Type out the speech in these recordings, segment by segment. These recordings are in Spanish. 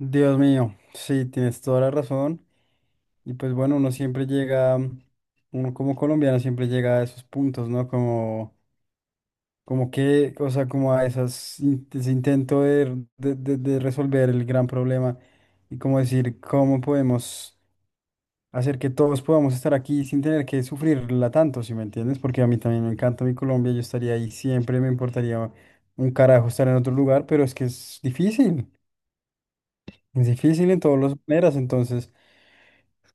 Dios mío, sí, tienes toda la razón. Y pues bueno, uno siempre llega, uno como colombiano siempre llega a esos puntos, ¿no? Como, como que, o sea, como a esas, ese intento de resolver el gran problema y como decir, ¿cómo podemos hacer que todos podamos estar aquí sin tener que sufrirla tanto, si me entiendes? Porque a mí también me encanta mi Colombia, yo estaría ahí siempre, me importaría un carajo estar en otro lugar, pero es que es difícil en todas las maneras, entonces...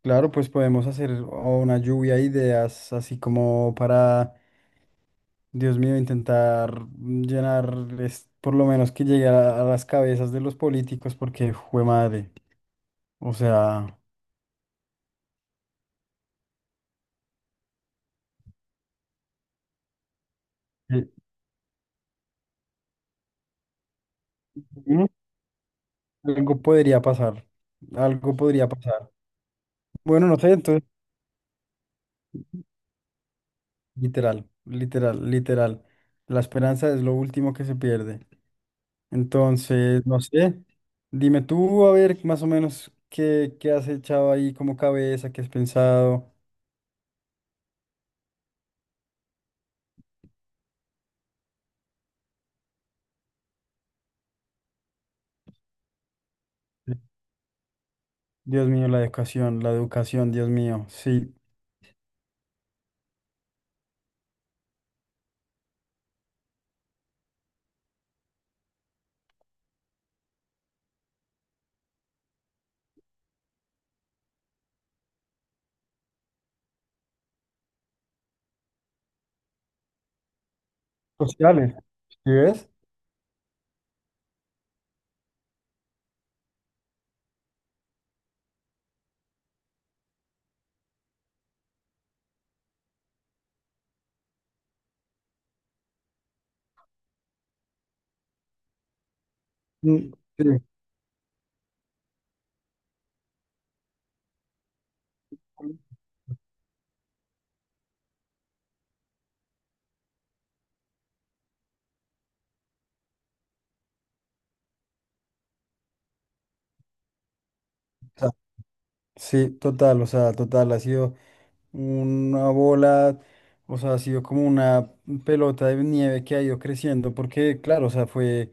Claro, pues podemos hacer o una lluvia de ideas, así como para, Dios mío, intentar llenar, por lo menos que llegue a las cabezas de los políticos, porque fue madre. O sea, eh, ujú. Algo podría pasar, algo podría pasar. Bueno, no sé, entonces, literal, literal, literal. La esperanza es lo último que se pierde. Entonces, no sé, dime tú, a ver, más o menos, qué, qué has echado ahí como cabeza, qué has pensado. Dios mío, la educación, Dios mío, sí. Sociales, ¿sí ves? Mm, sí, sea, sí, total, o sea, total, ha sido una bola, o sea, ha sido como una pelota de nieve que ha ido creciendo, porque claro,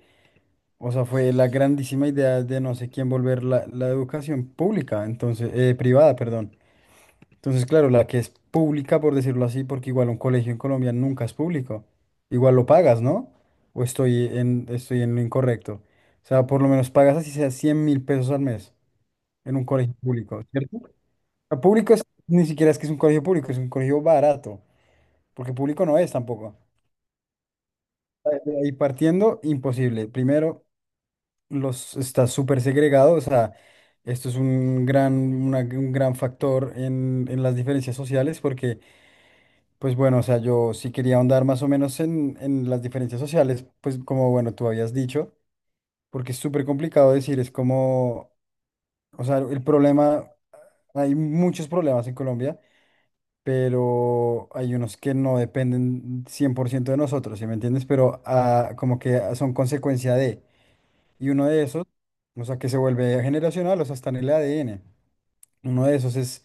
o sea, fue la grandísima idea de no sé quién volver la, la educación pública, entonces, privada, perdón. Entonces, claro, la que es pública, por decirlo así, porque igual un colegio en Colombia nunca es público. Igual lo pagas, ¿no? O estoy en lo incorrecto. O sea, por lo menos pagas así sea 100 mil pesos al mes en un colegio público, ¿cierto? O sea, público es, ni siquiera es que es un colegio público, es un colegio barato, porque público no es tampoco. De ahí partiendo, imposible. Primero, los, está súper segregado, o sea, esto es un gran, un gran factor en las diferencias sociales, porque pues bueno, o sea, yo sí quería ahondar más o menos en las diferencias sociales, pues como bueno, tú habías dicho, porque es súper complicado decir, es como, o sea, el problema, hay muchos problemas en Colombia, pero hay unos que no dependen 100% de nosotros, ¿sí me entiendes? Pero como que son consecuencia de, y uno de esos, o sea, que se vuelve generacional, o sea, está en el ADN. Uno de esos es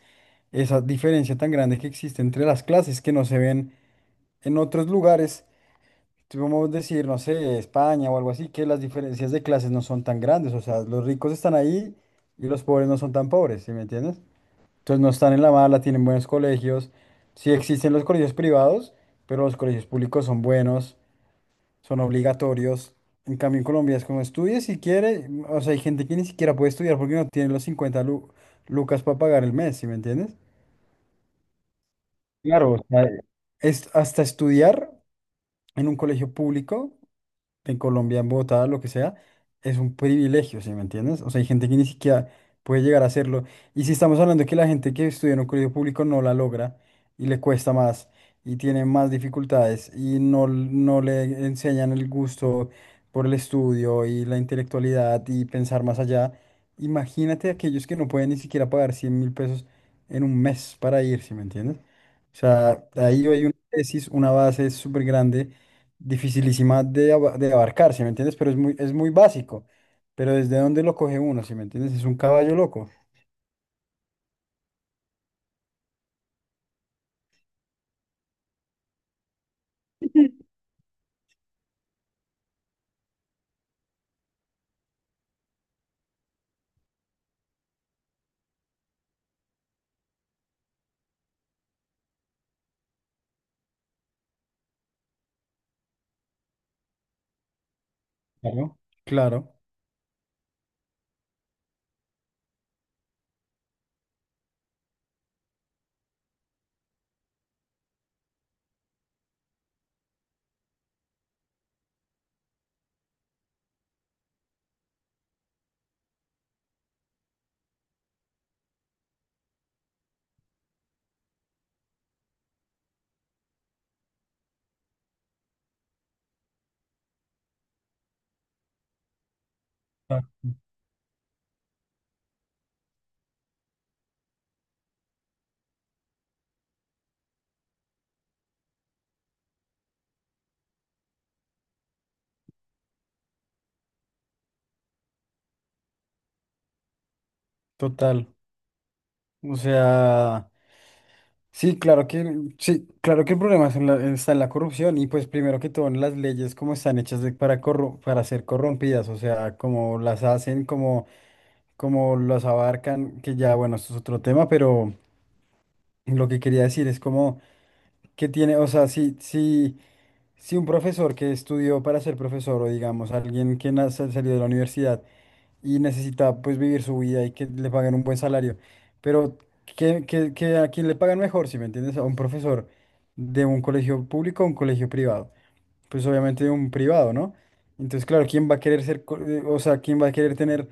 esa diferencia tan grande que existe entre las clases que no se ven en otros lugares si vamos a decir, no sé, España o algo así, que las diferencias de clases no son tan grandes, o sea, los ricos están ahí y los pobres no son tan pobres, ¿sí me entiendes? Entonces no están en la mala, tienen buenos colegios, sí existen los colegios privados, pero los colegios públicos son buenos, son obligatorios. En cambio, en Colombia es como estudie si quiere, o sea, hay gente que ni siquiera puede estudiar porque no tiene los lucas para pagar el mes, ¿sí me entiendes? Claro, o sea, es hasta estudiar en un colegio público en Colombia, en Bogotá, lo que sea, es un privilegio, ¿sí me entiendes? O sea, hay gente que ni siquiera puede llegar a hacerlo. Y si estamos hablando de que la gente que estudia en un colegio público no la logra y le cuesta más y tiene más dificultades y no, no le enseñan el gusto por el estudio y la intelectualidad y pensar más allá, imagínate aquellos que no pueden ni siquiera pagar 100 mil pesos en un mes para ir, ¿sí me entiendes? O sea, ahí hay una tesis, una base súper grande dificilísima de, de abarcar, ¿sí me entiendes? Pero es muy básico. Pero ¿desde dónde lo coge uno, ¿sí me entiendes? Es un caballo loco. Claro. Claro. Ah, total. O sea, sí, claro que, sí, claro que el problema es en está en la corrupción y pues primero que todo en las leyes como están hechas para, para ser corrompidas, o sea, como las hacen, como, como las abarcan, que ya, bueno, esto es otro tema, pero lo que quería decir es como que tiene, o sea, sí, sí. Si un profesor que estudió para ser profesor o digamos alguien que salió de la universidad y necesita pues vivir su vida y que le paguen un buen salario, pero que, que a quien le pagan mejor, si me entiendes, a un profesor de un colegio público o un colegio privado, pues obviamente de un privado, ¿no? Entonces, claro, ¿quién va a querer ser, o sea, quién va a querer tener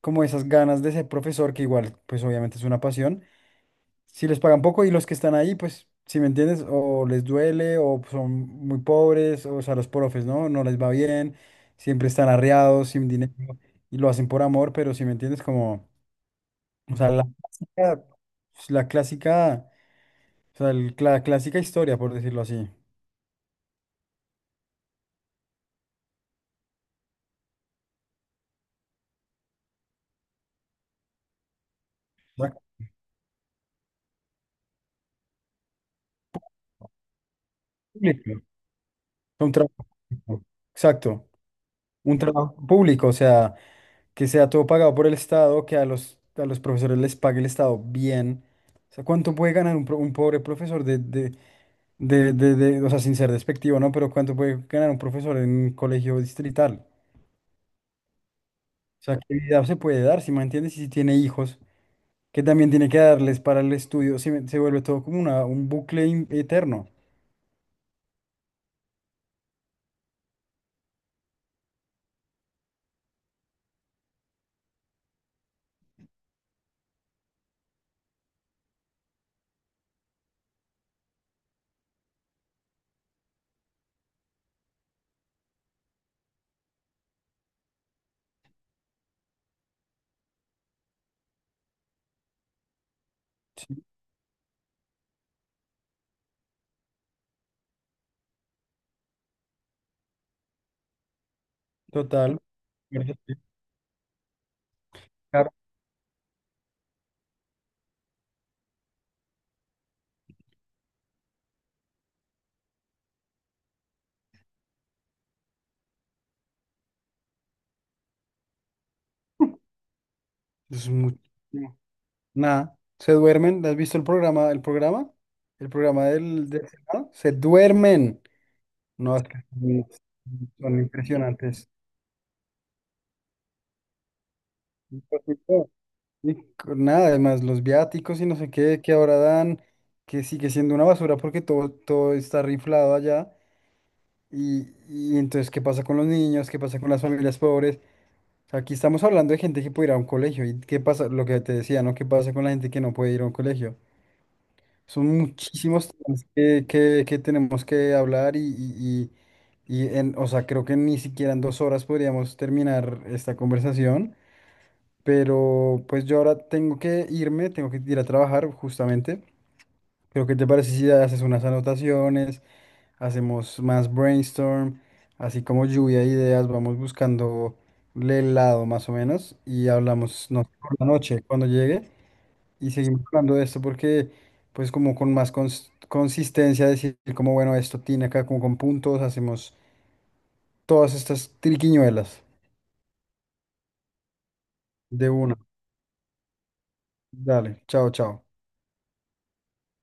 como esas ganas de ser profesor, que igual pues obviamente es una pasión? Si les pagan poco y los que están ahí, pues, si me entiendes, o les duele, o son muy pobres, o, sea, los profes, ¿no? No les va bien, siempre están arreados, sin dinero, y lo hacen por amor, pero si me entiendes, como, o sea, la clásica, pues, la clásica, o sea, la clásica historia, por decirlo así. ¿Verdad? Público, un trabajo. Público, exacto. Un trabajo público, o sea, que sea todo pagado por el Estado, que a los profesores les pague el Estado bien. O sea, ¿cuánto puede ganar un, un pobre profesor de, o sea, sin ser despectivo, ¿no? Pero ¿cuánto puede ganar un profesor en un colegio distrital? O sea, ¿qué vida se puede dar, si me entiendes? Y si tiene hijos, que también tiene que darles para el estudio, se, se vuelve todo como una, un bucle eterno. Sí, total. Ahorita estoy. Es muchísimo. Nada, se duermen. ¿Has visto el programa? ¿El programa? ¿El programa del, del Senado? Se duermen. No, es que son, son impresionantes. Y pues, y todo. Y con nada, además, los viáticos y no sé qué que ahora dan, que sigue siendo una basura porque todo, todo está riflado allá. Y entonces, ¿qué pasa con los niños? ¿Qué pasa con las familias pobres? O sea, aquí estamos hablando de gente que puede ir a un colegio. ¿Y qué pasa? Lo que te decía, ¿no? ¿Qué pasa con la gente que no puede ir a un colegio? Son muchísimos temas que, que tenemos que hablar y, y en, o sea, creo que ni siquiera en dos horas podríamos terminar esta conversación, pero pues yo ahora tengo que irme, tengo que ir a trabajar justamente. Creo que te parece si haces unas anotaciones, hacemos más brainstorm, así como lluvia de ideas, vamos buscando el lado más o menos y hablamos, no sé, por la noche cuando llegue. Y seguimos hablando de esto porque, pues como con más consistencia, decir como, bueno, esto tiene acá como con puntos, hacemos todas estas triquiñuelas de una. Dale, chao, chao.